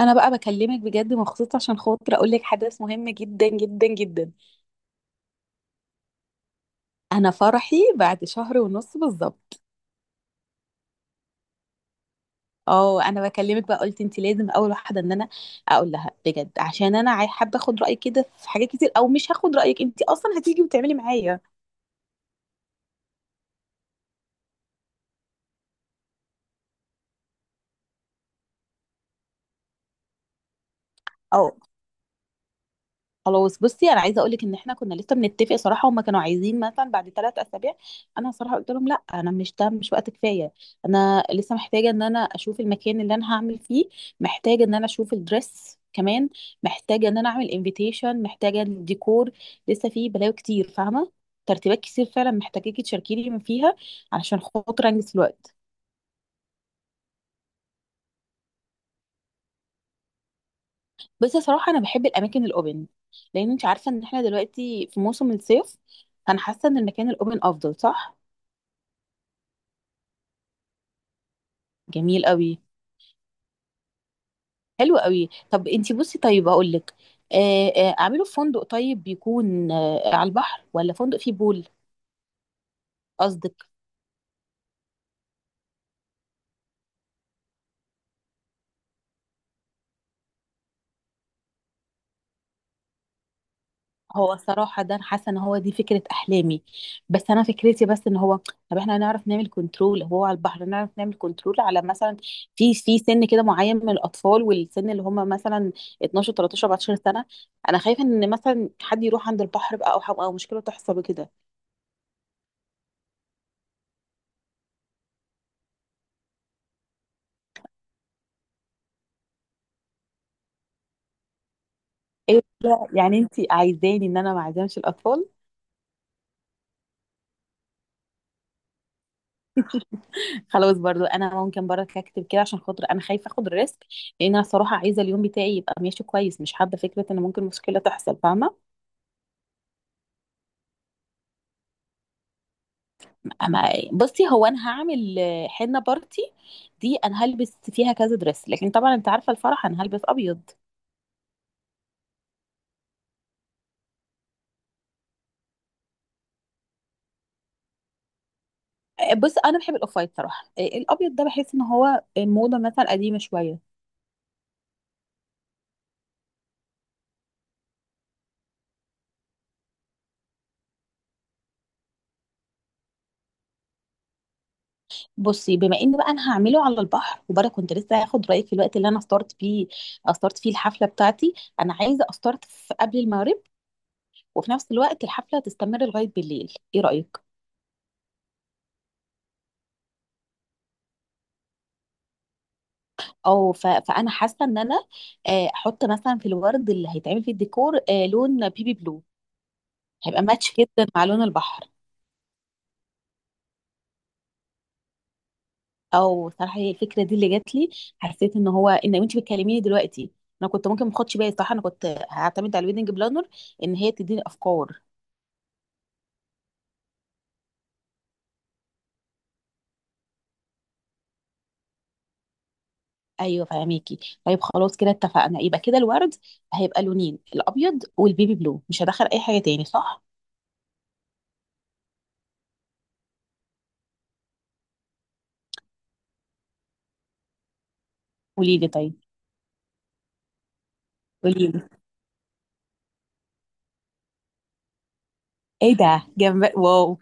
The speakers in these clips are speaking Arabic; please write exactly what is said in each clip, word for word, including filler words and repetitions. انا بقى بكلمك بجد مخصوص عشان خاطر اقول لك حدث مهم جدا جدا جدا. انا فرحي بعد شهر ونص بالظبط. اه، انا بكلمك بقى، قلت انت لازم اول واحده ان انا اقول لها بجد عشان انا عاي- حابه اخد رايك كده في حاجات كتير، او مش هاخد رايك انت اصلا هتيجي وتعملي معايا. آه. خلاص بصي انا عايزه اقول لك ان احنا كنا لسه بنتفق صراحه، هما كانوا عايزين مثلا بعد ثلاث اسابيع. انا صراحه قلت لهم لا، انا مش، ده مش وقت كفايه. انا لسه محتاجه ان انا اشوف المكان اللي انا هعمل فيه، محتاجه ان انا اشوف الدريس كمان، محتاجه ان انا اعمل انفيتيشن، محتاجه الديكور. لسه فيه بلاوي كتير فاهمه؟ ترتيبات كتير فعلا محتاجاكي تشاركيني من فيها علشان خاطر انجز في الوقت. بس صراحه انا بحب الاماكن الاوبن، لان انت عارفه ان احنا دلوقتي في موسم الصيف. انا حاسه ان المكان الاوبن افضل، صح؟ جميل قوي. حلو قوي. طب انتي بصي، طيب هقول لك. آه، آه، اعمله في فندق، طيب بيكون آه، على البحر ولا فندق فيه بول؟ قصدك؟ هو الصراحه ده انا حاسه ان هو دي فكره احلامي. بس انا فكرتي بس ان هو، طب احنا هنعرف نعمل كنترول، هو على البحر نعرف نعمل كنترول على مثلا في في سن كده معين من الاطفال، والسن اللي هم مثلا اتناشر تلتاشر اربعتاشر سنه. انا خايفه ان مثلا حد يروح عند البحر بقى، او حاجة- أو مشكله تحصل وكده. ايه ده؟ يعني انتي عايزاني ان انا ما اعزمش الاطفال؟ خلاص برضو انا ممكن برضك اكتب كده عشان خاطر انا خايفه اخد الريسك، لان انا صراحه عايزه اليوم بتاعي يبقى ماشي كويس، مش حابه فكره ان ممكن مشكله تحصل فاهمه. اما بصي، هو انا هعمل آه، حنه بارتي، دي انا هلبس فيها كذا دريس، لكن طبعا انت عارفه الفرح انا هلبس ابيض. آه، بص، انا بحب الاوف وايت صراحه، آه، الابيض ده بحس ان هو موضه مثلا قديمه شويه. بصي، بما ان بقى انا هعمله على البحر، وبرضه كنت لسه هاخد رايك في الوقت اللي انا استارت فيه، استارت فيه الحفله بتاعتي. انا عايزه استارت في قبل المغرب، وفي نفس الوقت الحفله تستمر لغايه بالليل، ايه رايك؟ او ف... فانا حاسه ان انا آه، احط مثلا في الورد اللي هيتعمل فيه الديكور آه، لون بيبي بلو. هيبقى ماتش جدا مع لون البحر. او صراحه هي الفكره دي اللي جات لي، حسيت ان هو ان انت بتكلميني دلوقتي، انا كنت ممكن ما اخدش بالي، صح؟ انا كنت هعتمد على الويدنج بلانر ان هي تديني افكار. ايوه فهميكي. طيب خلاص كده اتفقنا، يبقى كده الورد هيبقى لونين، الابيض والبيبي بلو، مش هدخل اي حاجه تاني، صح؟ قولي لي طيب. قولي لي. ايه ده؟ جمبري، واو.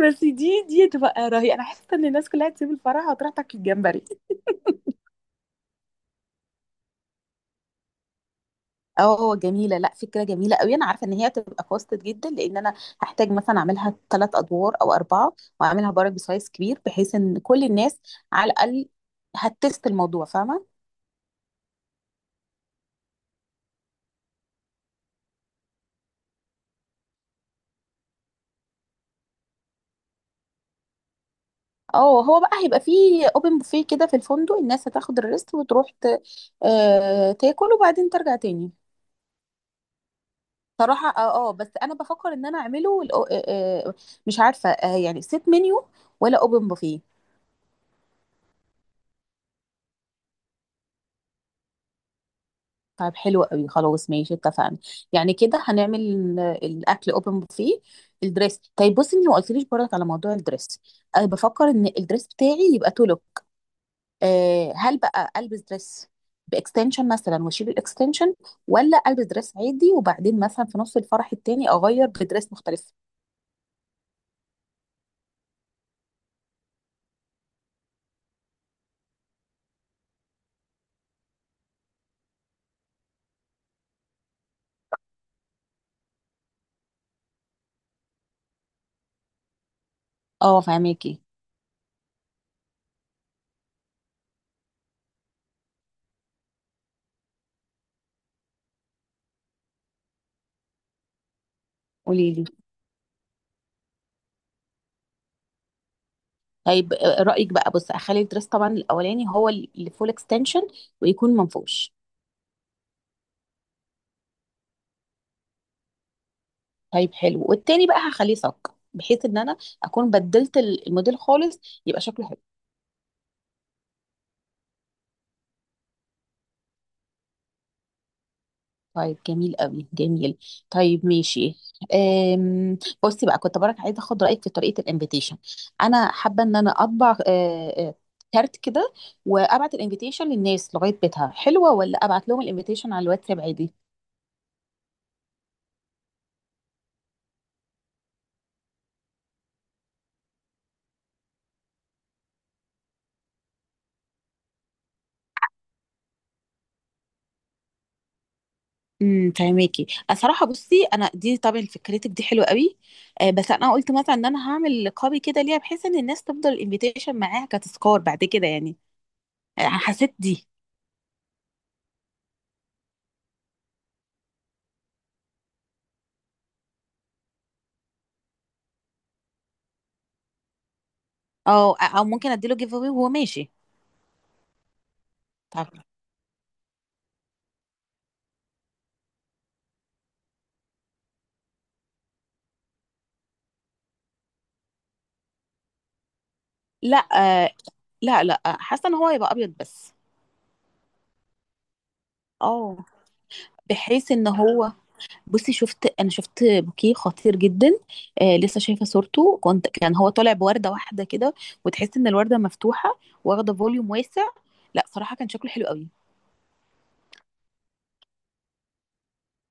بس دي دي تبقى رهيبه، انا حاسه ان الناس كلها تسيب الفرح وتروح تاكل الجمبري. اه جميله، لا فكره جميله قوي. انا عارفه ان هي هتبقى كوستد جدا، لان انا هحتاج مثلا اعملها ثلاث ادوار او اربعه، واعملها برضه بسايز كبير بحيث ان كل الناس على الاقل هتست الموضوع فاهمه. اه، هو بقى هيبقى فيه اوبن بوفيه كده في الفندق، الناس هتاخد الريست وتروح ت... آه... تاكل، وبعدين ترجع تاني. صراحة اه، اه بس انا بفكر ان انا اعمله الأو- آه، آه، آه، مش عارفة، آه، يعني سيت منيو ولا اوبن بوفيه. طيب حلو قوي، خلاص ماشي اتفقنا. يعني كده هنعمل ال- الاكل اوبن بوفيه. الدريس، طيب بصي اني ما قلتليش برضك على موضوع الدريس. انا بفكر ان الدريس بتاعي يبقى تولو. آه، هل بقى البس دريس باكستنشن مثلا واشيل الاكستنشن، ولا البس دريس عادي وبعدين مثلا في نص الفرح التاني اغير بدريس مختلف؟ اه فهماكي. قوليلي طيب. آه، رأيك بقى، بص اخلي الدريس، طبعا الاولاني هو اللي فول اكستنشن ويكون منفوش. طيب حلو، والتاني بقى هخليه صك بحيث ان انا اكون بدلت ال- الموديل خالص، يبقى شكله حلو. طيب جميل قوي، جميل. طيب ماشي. أم... بصي بقى، كنت برك عايزه اخد رايك في طريقه الانفيتيشن. انا حابه ان انا اطبع آه، آه، كارت كده، وابعت الانفيتيشن للناس لغايه بيتها، حلوه ولا ابعت لهم الانفيتيشن على الواتساب عادي؟ امم فهماكي. صراحه بصي، انا دي طبعا فكرتك دي حلوه قوي، آه بس انا قلت مثلا ان انا هعمل قابي كده ليها بحيث ان الناس تفضل الانفيتيشن معاها كتذكار بعد كده، يعني آه حسيت دي. او او ممكن اديله جيف اواي وهو ماشي. طب لا، آه لا لا، حاسه ان هو هيبقى ابيض بس. اه، بحيث ان هو، بصي شفت، انا شفت بوكيه خطير جدا، آه لسه شايفه صورته، كنت كان هو طالع بورده واحده كده، وتحس ان الورده مفتوحه، واخده فوليوم واسع. لا صراحه كان شكله حلو قوي.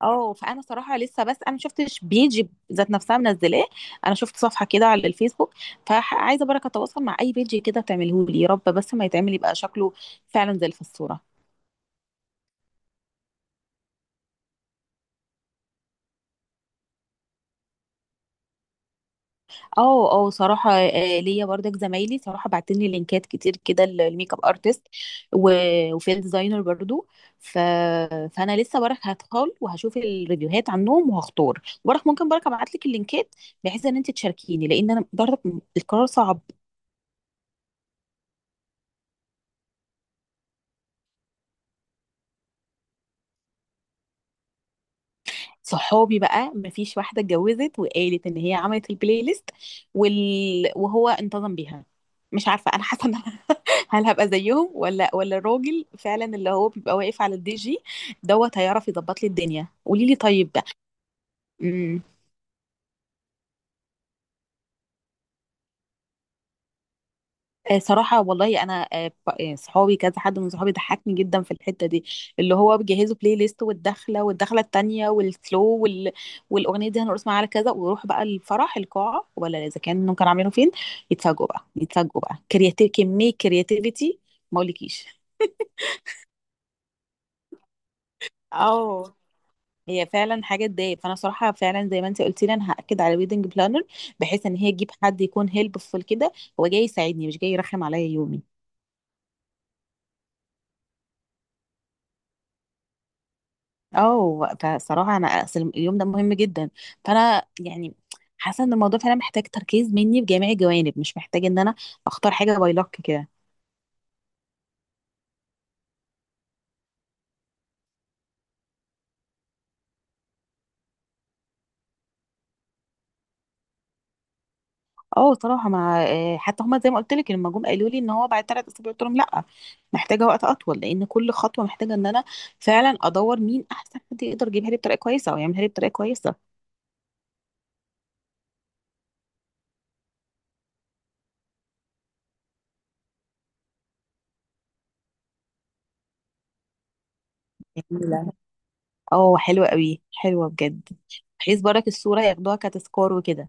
اه، فانا صراحه لسه، بس انا ما شفتش بيج ذات نفسها منزلاه. انا شفت صفحه كده على الفيسبوك، فعايزه بركه اتواصل مع اي بيج كده تعمله لي يا رب، بس ما يتعمل يبقى شكله فعلا زي اللي في الصوره. اه اه صراحة، آه، ليا برضك زمايلي صراحة بعتني لينكات كتير كده لل- للميك اب ارتست، و- وفي ديزاينر برضو. ف... فانا لسه برك هدخل وهشوف الريفيوهات عنهم، وهختار برك، ممكن برك ابعت لك اللينكات بحيث ان انت تشاركيني، لان انا برضك القرار صعب. صحابي بقى مفيش واحدة اتجوزت وقالت ان هي عملت البلاي ليست وال... وهو انتظم بيها. مش عارفة، انا حاسة ان هل هابقى زيهم، ولا ولا الراجل فعلا اللي هو بيبقى واقف على الدي جي دوت هيعرف يظبط لي الدنيا، قولي لي طيب. امم آه، صراحة والله أنا، آه، ب- آه، صحابي كذا حد من صحابي ضحكني جدا في الحتة دي، اللي هو بيجهزوا بلاي ليست، والدخلة والدخلة التانية والسلو وال... والأغنية دي هنرقص معاها على كذا، ويروح بقى الفرح القاعة ولا إذا كان كانوا عاملينه فين، يتفاجئوا بقى يتفاجئوا بقى كرياتيف، كمية كرياتيفيتي ما أقولكيش. اه هي فعلا حاجه تضايق، فانا صراحه فعلا زي ما انت قلتي لي انا هاكد على ويدنج بلانر بحيث ان هي تجيب حد يكون هيلبفول كده، هو جاي يساعدني مش جاي يرخم عليا يومي. اه فصراحه انا اصل اليوم ده مهم جدا، فانا يعني حاسه ان الموضوع فعلا محتاج تركيز مني بجميع الجوانب، مش محتاج ان انا اختار حاجه باي لك كده. اه صراحه، ما آه، حتى هما زي ما قلت لك لما جم قالوا لي ان هو بعد ثلاث اسابيع قلت لهم لا، محتاجه وقت اطول، لان كل خطوه محتاجه ان انا فعلا ادور مين احسن حد يقدر يجيبها لي بطريقه كويسه او يعملها لي بطريقه كويسه. جميلة. اه حلوة قوي، حلوة بجد، بحيث برك الصورة ياخدوها كتذكار وكده.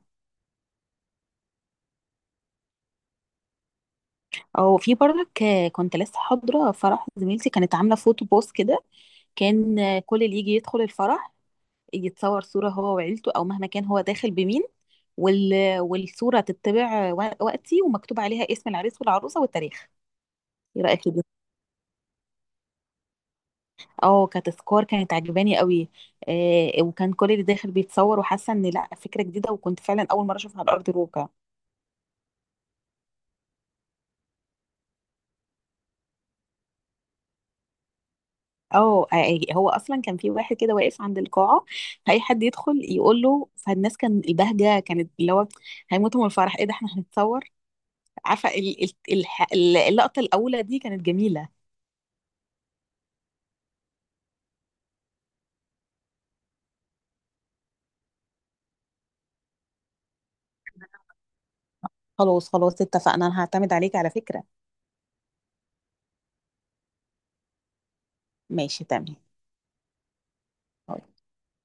او في برك، آه، كنت لسه حاضرة فرح زميلتي، كانت عاملة فوتو بوست كده، كان آه، كل اللي يجي يدخل الفرح يتصور صورة هو وعيلته او مهما كان هو داخل بمين، وال... والصورة تتبع و- وقتي ومكتوب عليها اسم العريس والعروسة والتاريخ. ايه رأيك في دي؟ اه، كتذكار كانت عجباني قوي. آه وكان كل اللي داخل بيتصور وحاسة ان لا فكرة جديدة، وكنت فعلا اول مرة اشوفها على ارض الواقع. اه، آه، آه، هو اصلا كان في واحد كده واقف عند القاعه، اي حد يدخل يقول له، فالناس كان البهجه كانت اللي هو هيموتوا من الفرح، ايه ده احنا هنتصور. عارفه ال- ال- الح- ال- اللقطه الاولى دي كانت جميله. خلاص خلاص اتفقنا، انا هعتمد عليك على فكره. ماشي تمام.